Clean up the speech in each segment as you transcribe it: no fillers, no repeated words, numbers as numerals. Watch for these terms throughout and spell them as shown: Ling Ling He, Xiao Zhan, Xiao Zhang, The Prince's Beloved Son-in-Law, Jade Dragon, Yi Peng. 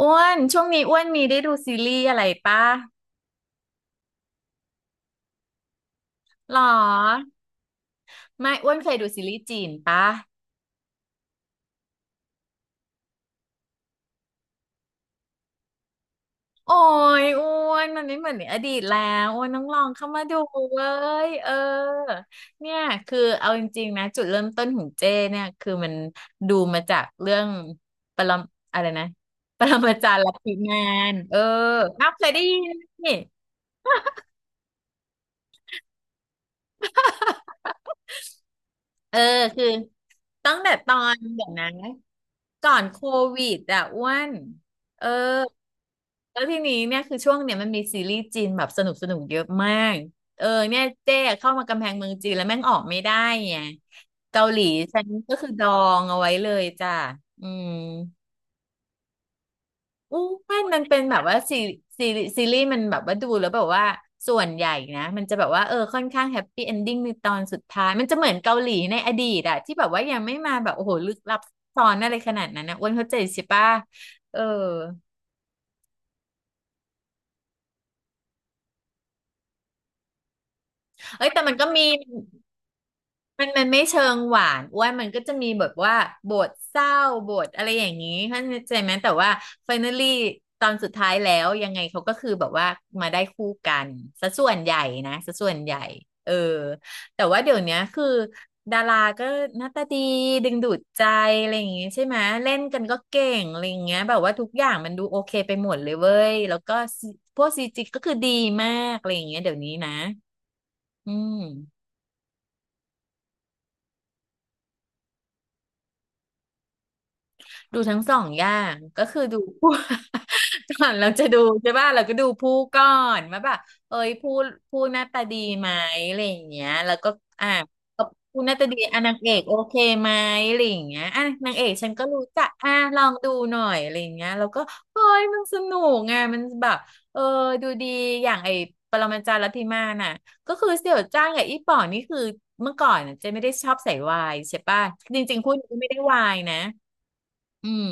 อ้วนช่วงนี้อ้วนมีได้ดูซีรีส์อะไรปะหรอไม่อ้วนเคยดูซีรีส์จีนปะโอ้ยอ้วนมันไม่เหมือนในอดีตแล้วอ้วนต้องลองเข้ามาดูเว้ยเนี่ยคือเอาจริงๆนะจุดเริ่มต้นของเจ้เนี่ยคือมันดูมาจากเรื่องปรมอะไรนะปรมาจารย์ลัทธิมานอ้าวเคยได้ยินนี่ เออคือตั้งแต่ตอนเดี๋ยวนะก่อนโควิดอ่ะอ้วนเออแล้วทีนี้เนี่ยคือช่วงเนี่ยมันมีซีรีส์จีนแบบสนุกสนุกเยอะมากเนี่ยเจ๊เข้ามากำแพงเมืองจีนแล้วแม่งออกไม่ได้ไงเกาหลีฉันก็คือดองเอาไว้เลยจ้ะอืม อู้ไม่มันเป็นแบบว่าซีซีรีส์มันแบบว่าดูแล้วแบบว่าส่วนใหญ่นะมันจะแบบว่าค่อนข้างแฮปปี้เอนดิ้งในตอนสุดท้ายมันจะเหมือนเกาหลีในอดีตอะที่แบบว่ายังไม่มาแบบโอ้โหลึกลับซับซ้อนอะไรขนาดนั้นนะอ้วนเข้าใจใช่ปะเออเอ้ยแต่มันก็มี มันไม่เชิงหวานอ้วนมันก็จะมีแบบว่าบทเศร้าบทอะไรอย่างนี้เข้าใจไหมแต่ว่า finally ตอนสุดท้ายแล้วยังไงเขาก็คือแบบว่ามาได้คู่กันซะส่วนใหญ่นะซะส่วนใหญ่เออแต่ว่าเดี๋ยวเนี้ยคือดาราก็หน้าตาดีดึงดูดใจอะไรอย่างงี้ใช่ไหมเล่นกันก็เก่งอะไรอย่างเงี้ยแบบว่าทุกอย่างมันดูโอเคไปหมดเลยเว้ยแล้วก็ซีพวกซีจีก็คือดีมากอะไรอย่างเงี้ยเดี๋ยวนี้นะอืม ดูทั้งสองอย่างก็คือดูผู้ ก่อนเราจะดูใช่ป่ะเราก็ดูผู้ก่อนว่าแบบเอ้ยผู้หน้าตาดีไหมอะไรอย่างเงี้ยแล้วก็อ่ะก็ผู้หน้าตาดีอ่ะนางเอกโอเคไหมอะไรอย่างเงี้ยอ่ะนางเอกฉันก็รู้จักอ่ะลองดูหน่อยอะไรอย่างเงี้ยแล้วก็เฮ้ยมันสนุกไงมันแบบเออดูดีอย่างไอ้ปรมาจารย์ลัทธิมาน่ะก็คือเสี่ยวจ้างกับอีป๋องนี่คือเมื่อก่อนน่ะเจะไม่ได้ชอบใส่วายใช่ป่ะจริงๆคู่นี้ก็ไม่ได้วายนะอืม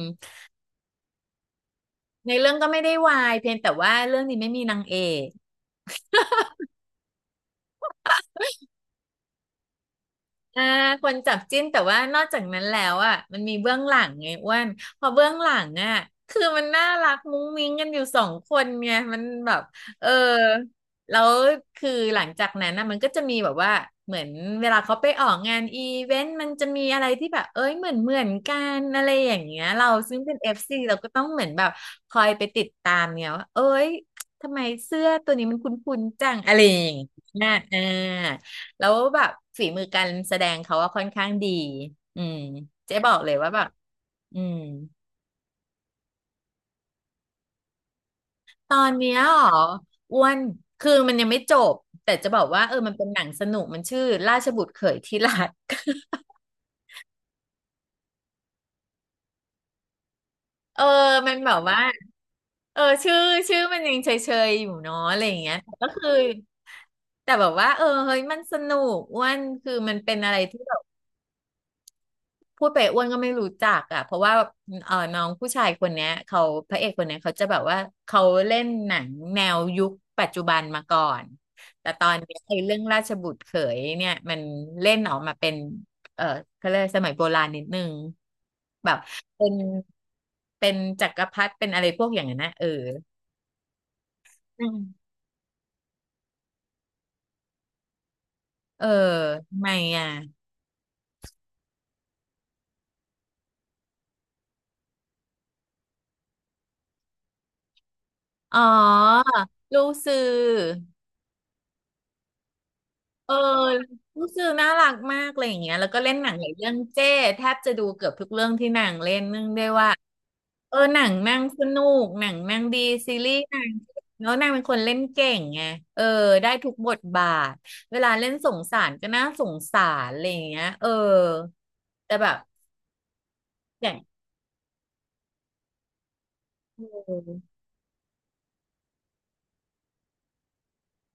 ในเรื่องก็ไม่ได้วายเพียงแต่ว่าเรื่องนี้ไม่มีนางเอก อ่าคนจับจิ้นแต่ว่านอกจากนั้นแล้วอ่ะมันมีเบื้องหลังไงอ้วนพอเบื้องหลังอ่ะคือมันน่ารักมุ้งมิ้งกันอยู่สองคนไงมันแบบเออแล้วคือหลังจากนั้นนะมันก็จะมีแบบว่าเหมือนเวลาเขาไปออกงานอีเวนต์มันจะมีอะไรที่แบบเอ้ยเหมือนกันอะไรอย่างเงี้ยเราซึ่งเป็นเอฟซีเราก็ต้องเหมือนแบบคอยไปติดตามเนี่ยว่าเอ้ยทำไมเสื้อตัวนี้มันคุ้นๆจังอะไรอย่างเงี้ยอ่า แล้วแบบฝีมือการแสดงเขาว่าค่อนข้างดีอืมเจ๊บอกเลยว่าแบบอืมตอนเนี้ยเหรออ้วนคือมันยังไม่จบแต่จะบอกว่ามันเป็นหนังสนุกมันชื่อราชบุตรเขยที่รักเออมันแบบว่าเออชื่อชื่อมันยังเฉยๆอยู่เนาะอะไรอย่างเงี้ยแต่ก็คือแต่แบบว่าเออเฮ้ยมันสนุกอ้วนคือมันเป็นอะไรที่ พูดไปอ้วนก็ไม่รู้จักอ่ะเพราะว่าน้องผู้ชายคนเนี้ยเขาพระเอกคนเนี้ยเขาจะแบบว่าเขาเล่นหนังแนวยุคปัจจุบันมาก่อนแต่ตอนเนี้ยไอ้เรื่องราชบุตรเขยเนี่ยมันเล่นออกมาเป็นเออเขาเรียกสมัยโบราณนิดนึงแบบเป็นเป็นจักรพรรดิเป็นอะไรพวกอย่างนั้นนะเอออืมเออทำไมอ่ะอ๋อรู้สื่อ เออรู้สึกน่ารักมากอะไรอย่างเงี้ยแล้วก็เล่นหนังหลายเรื่องเจ้แทบจะดูเกือบทุกเรื่องที่นางเล่นเนื่องด้วยว่าเออหนังนางสนุกหนังนางดีซีรีส์นางแล้วนางเป็นคนเล่นเก่งไงเออได้ทุกบทบาทเวลาเล่นสงสารก็น่าสงสารอะไรอย่างเงี้ยเออแต่แบบอย่าง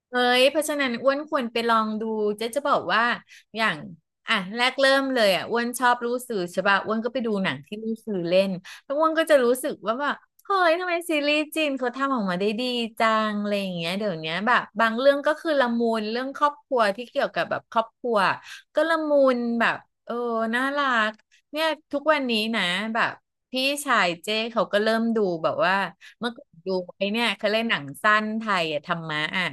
เอ้ยเพราะฉะนั้นอ้วนควรไปลองดูเจ๊จะบอกว่าอย่างอ่ะแรกเริ่มเลยอ่ะอ้วนชอบรู้สื่อใช่ป่ะอ้วนก็ไปดูหนังที่รู้สื่อเล่นแล้วอ้วนก็จะรู้สึกว่าแบบเฮ้ยทำไมซีรีส์จีนเขาทำออกมาได้ดีจังอะไรอย่างเงี้ยเดี๋ยวเนี้ยแบบบางเรื่องก็คือละมุนเรื่องครอบครัวที่เกี่ยวกับแบบครอบครัวก็ละมุนแบบเออน่ารักเนี่ยทุกวันนี้นะแบบพี่ชายเจ้เขาก็เริ่มดูแบบว่า เมื่อก่อนดูไอ้เนี่ยเขาเล่นหนังสั้นไทยอะธรรมะอ่ะ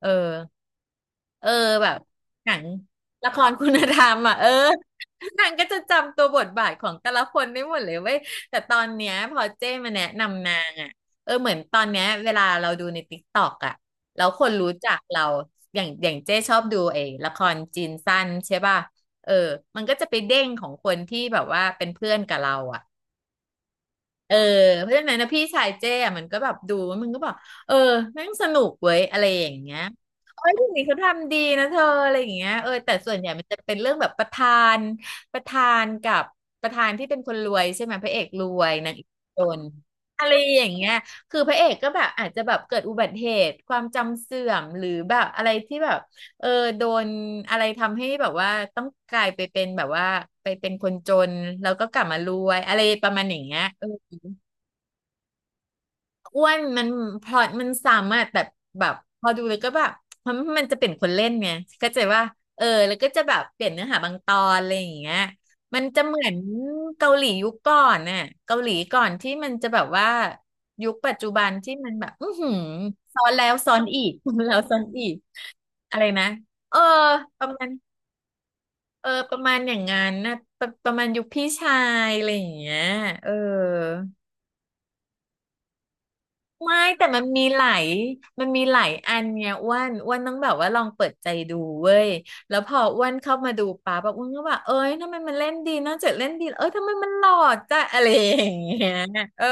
เออเออแบบหนังละครคุณธรรมอ่ะเออนางก็จะจำตัวบทบาทของแต่ละคนได้หมดเลยเว้ยแต่ตอนเนี้ยพอเจ้มาแนะนำนางอ่ะเออเหมือนตอนเนี้ยเวลาเราดูในติ๊กต็อกอ่ะแล้วคนรู้จักเราอย่างเจ้ชอบดูไอ้ละครจีนสั้นใช่ป่ะเออมันก็จะไปเด้งของคนที่แบบว่าเป็นเพื่อนกับเราอ่ะ เออเพราะฉะนั้นนะพี่ชายเจ้อะมันก็แบบดูแล้วมันก็บอกเออแม่งสนุกเว้ยอะไรอย่างเงี้ยเอ้ยทนนี้เขาทำดีนะเธออะไรอย่างเงี้ยเออแต่ส่วนใหญ่มันจะเป็นเรื่องแบบนประธานกับประธานที่เป็นคนรวยใช่ไหมพระเอกรวยนางเอกจนอะไรอย่างเงี้ยคือพระเอกก็แบบอาจจะแบบเกิดอุบัติเหตุความจำเสื่อมหรือแบบอะไรที่แบบเออโดนอะไรทำให้แบบว่าต้องกลายไปเป็นแบบว่าไปเป็นคนจนแล้วก็กลับมารวยอะไรประมาณอย่างเงี้ยเออ อ้วนมันพลอยมันซ้ำอะแต่แบบพอดูเลยก็แบบมันจะเปลี่ยนคนเล่นไงก็จะว่าเออแล้วก็จะแบบเปลี่ยนเนื้อหาบางตอนอะไรอย่างเงี้ยมันจะเหมือนเกาหลียุคก่อนน่ะเกาหลีก่อนที่มันจะแบบว่ายุคปัจจุบันที่มันแบบอือหือซ้อนแล้วซ้อนอีก แล้วซ้อนอีกอะไรนะเออประมาณอย่างงั้นนะประมาณยุคพี่ชายอะไรอย่างเงี้ยเออ ไม่แต่มันมีหลายอันเนี่ยอ้วนต้องแบบว่าลองเปิดใจดูเว้ยแล้วพออ้วนเข้ามาดูปั๊บแบบอ้วนก็แบบเอ้ยทำไมมันเล่นดีนอกจากเล่นดีเอ้ยทำไมมันหล่อจ้ะ อะไรอย่างเงี้ยเออ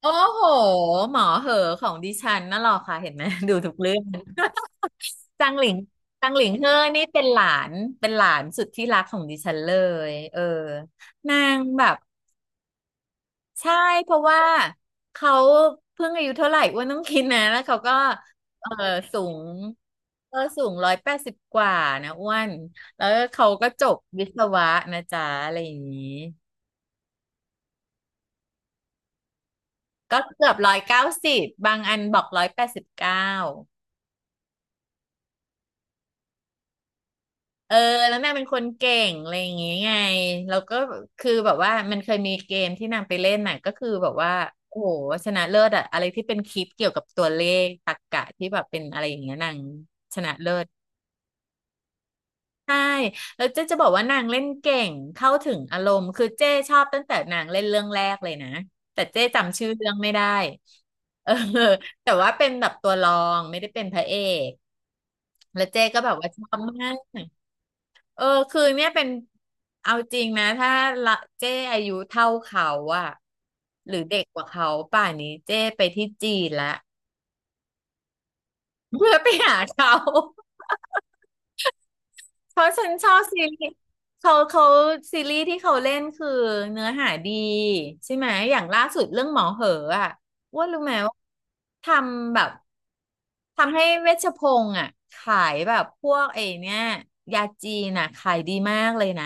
โอ้โหหมอเหอของดิฉันน่ะหรอค่ะเห็นไหม ดูทุกเรื่องจังหลิงจังหลิงเฮอนี่เป็นหลานสุดที่รักของดิฉันเลยเออนางแบบ ใช่เพราะว่าเขาเพิ่งอายุเท่าไหร่อ้วนต้องคิดนะแล้วเขาก็เออสูงสูงร้อยแปดสิบกว่านะอ้วนแล้วเขาก็จบวิศวะนะจ๊ะอะไรอย่างนี้ก็เกือบ190บางอันบอก189เออแล้วนางเป็นคนเก่งอะไรอย่างงี้ไงแล้วก็คือแบบว่ามันเคยมีเกมที่นางไปเล่นน่ะก็คือแบบว่าโอ้โหชนะเลิศอะอะไรที่เป็นคลิปเกี่ยวกับตัวเลขตรรกะที่แบบเป็นอะไรอย่างเงี้ยนางชนะเลิศ ใช่แล้วเจ๊จะบอกว่านางเล่นเก่งเข้าถึงอารมณ์คือเจ๊ชอบตั้งแต่นางเล่นเรื่องแรกเลยนะแต่เจ๊จำชื่อเรื่องไม่ได้เออแต่ว่าเป็นแบบตัวรองไม่ได้เป็นพระเอกแล้วเจ๊ก็แบบว่าชอบมากเออคือเนี่ยเป็นเอาจริงนะถ้าละเจ๊อายุเท่าเขาอะหรือเด็กกว่าเขาป่านนี้เจ๊ไปที่จีนละ เพื่อไปหาเขา เพราะฉันชอบซีรีส์เขาซีรีส์ที่เขาเล่นคือเนื้อหาดีใช่ไหมอย่างล่าสุดเรื่องหมอเหออะว่ารู้ไหมว่าทำแบบทำให้เวชพงษ์อะขายแบบพวกไอ้เนี่ยยาจีนอะขายดีมากเลยนะ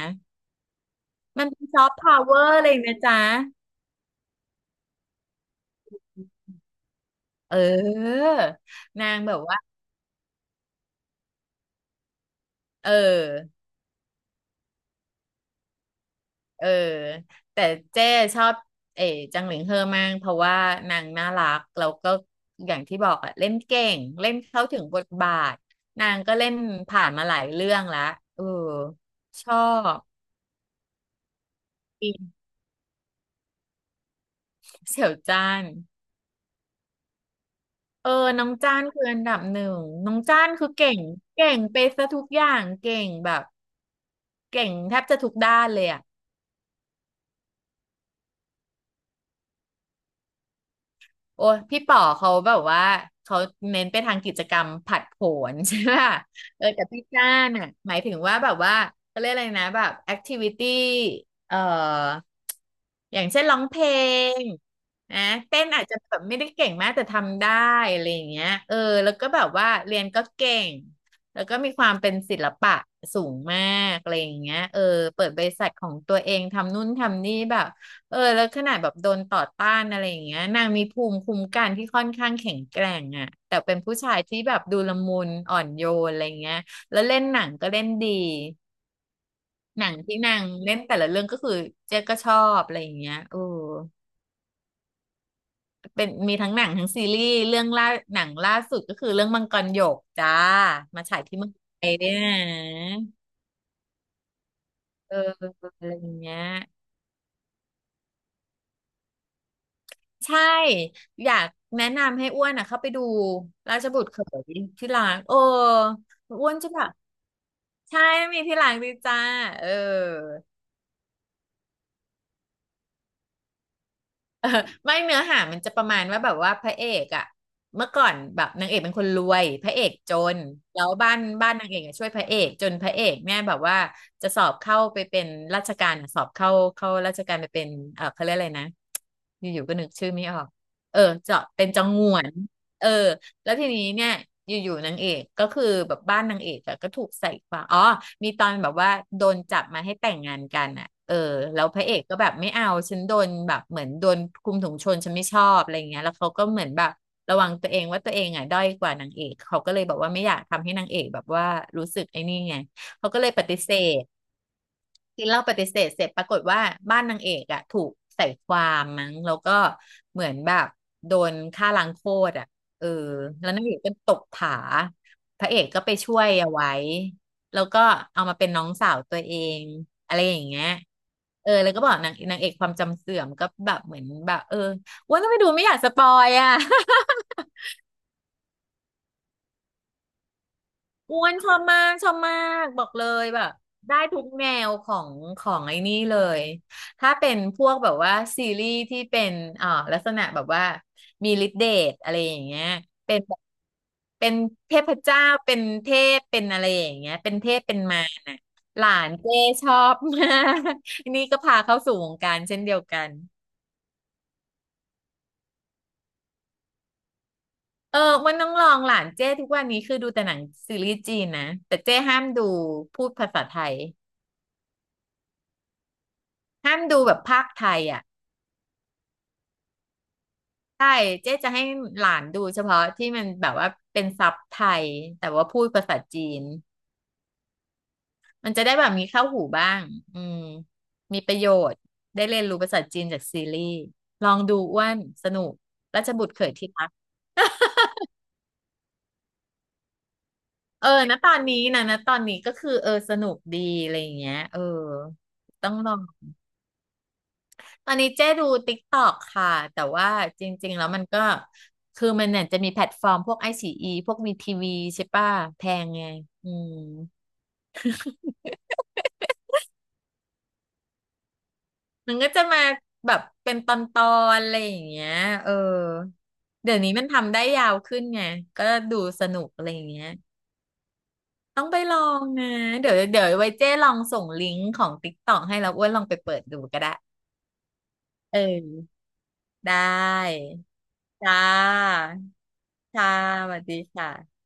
มันเป็นซอฟต์พาวเวอร์เลยนะจ๊ะเออนางแบบว่าเออ เออแต่เจ้ชอบเอ๋จังหลิงเฮอมากเพราะว่านางน่ารักแล้วก็อย่างที่บอกอะเล่นเก่งเล่นเข้าถึงบทบาทนางก็เล่นผ่านมาหลายเรื่องและเออชอบอินเสี่ยวจ้านเออน้องจ้านคืออันดับหนึ่งน้องจ้านคือเก่งเก่งไปซะทุกอย่างเก่งแบบเก่งแทบจะทุกด้านเลยอะ โอ้ยพี่ป๋อเขาแบบว่าเขาเน้นไปทางกิจกรรมผัดโผน ใช่ไหมเออแต่พี่จ้านอ่ะหมายถึงว่าแบบว่าเขาเรียกอะไรนะแบบแอคทิวิตี้เอ่ออย่างเช่นร้องเพลงนะเต้นอาจจะแบบไม่ได้เก่งมากแต่ทำได้อะไรอย่างเงี้ยเออแล้วก็แบบว่าเรียนก็เก่งแล้วก็มีความเป็นศิลปะสูงมากอะไรอย่างเงี้ยเออเปิดบริษัทของตัวเองทำนู่นทำนี่แบบ เออแล้วขนาดแบบโดนต่อต้านอะไรอย่างเงี้ยนางมีภูมิคุ้มกันที่ค่อนข้างแข็งแกร่งอ่ะแต่เป็นผู้ชายที่แบบดูละมุนอ่อนโยนอะไรเงี้ยแล้วเล่นหนังก็เล่นดีหนังที่นางเล่นแต่ละเรื่องก็คือเจ๊ก็ชอบอะไรอย่างเงี้ยโอ้เป็นมีทั้งหนังทั้งซีรีส์เรื่องล่าหนังล่าสุดก็คือเรื่องมังกรหยกจ้ามาฉายที่เมืองไทยด้วยนะเอออะไรอย่างเงี้ย ใช่อยากแนะนำให้อ้วนอ่ะเข้าไปดูราชบุตรเขยที่ร้านโอ้อ้วนจะแบบใช่มีที่ร้านดีจ้าเออ เออไม่เนื้อหามันจะประมาณว่าแบบว่าพระเอกอะเมื่อก่อนแบบนางเอกเป็นคนรวยพระเอกจนแล้วบ้านนางเอกอะช่วยพระเอกจนพระเอกเนี่ยแบบว่าจะสอบเข้าไปเป็นราชการอะสอบเข้าเข้าราชการไปเป็นเออเขาเรียกอะไรนะอยู่ๆก็นึกชื่อไม่ออกเออจะเป็นจังหวนเออ แล้วทีนี้เนี่ยอยู่ๆนางเอกก็คือแบบบ้านนางเอกอะก็ถูกใส่ความอ๋อมีตอนแบบว่าโดนจับมาให้แต่งงานกันอ่ะเออแล้วพระเอกก็แบบไม่เอาฉันโดนแบบเหมือนโดนคุมถุงชนฉันไม่ชอบอะไรอย่างเงี้ยแล้วเขาก็เหมือนแบบระวังตัวเองว่าตัวเองอ่ะด้อยกว่านางเอกเขาก็เลยบอกว่าไม่อยากทำให้นางเอกแบบว่ารู้สึกไอ้นี่ไงเขาก็เลยปฏิเสธ กินเหล้าปฏิเสธเสร็จปรากฏว่าบ้านนางเอกอะถูกใส่ความมั้งแล้วก็เหมือนแบบโดนฆ่าล้างโคตรอะเออแล้วนางเอกก็ตกผาพระเอกก็ไปช่วยเอาไว้แล้วก็เอามาเป็นน้องสาวตัวเองอะไรอย่างเงี้ยเออแล้วก็บอกนางเอกความจำเสื่อมก็แบบเหมือนแบบอ้วนก็ไปดูไม่อยากสปอยอะ อ้วนชอบมากชอบมากบอกเลยแบบได้ทุกแนวของไอ้นี่เลยถ้าเป็นพวกแบบว่าซีรีส์ที่เป็นลักษณะแบบว่ามีฤทธิ์เดชอะไรอย่างเงี้ยเป็นแบบเป็นเทพเจ้าเป็นเทพเป็นอะไรอย่างเงี้ยเป็นเทพเป็นมารน่ะหลานเจ้ชอบมากอันนี่ก็พาเข้าสู่วงการเช่นเดียวกันเออวันน้องลองหลานเจ้ทุกวันนี้คือดูแต่หนังซีรีส์จีนนะแต่เจ้ห้ามดูพูดภาษาไทย ห้ามดูแบบภาคไทยอ่ะใช่เจ๊จะให้หลานดูเฉพาะที่มันแบบว่าเป็นซับไทยแต่ว่าพูดภาษาจีนมันจะได้แบบมีเข้าหูบ้างอืมมีประโยชน์ได้เรียนรู้ภาษาจีนจากซีรีส์ลองดูอ้วนสนุกราชบุตรเขยที่รักเออนะตอนนี้นะนะตอนนี้ก็คือสนุกดีอะไรอย่างเงี้ยเออต้องลอง ตอนนี้เจ๊ดู TikTok ค่ะแต่ว่าจริงๆแล้วมันก็คือมันเนี่ยจะมีแพลตฟอร์มพวก ICE พวกวี TV ใช่ป่ะแพงไงอืมมันก็จะมาแบบเป็นตอนๆอะไรอย่างเงี้ยเออเดี๋ยวนี้มันทำได้ยาวขึ้นไงก็ดูสนุกอะไรอย่างเงี้ยต้องไปลองนะเดี๋ยวไว้เจ๊ลองส่งลิงก์ของ TikTok ให้แล้วอ้วนลองไปเปิดดูก็ได้เออได้จ้าค่ะสวัสดีค่ะ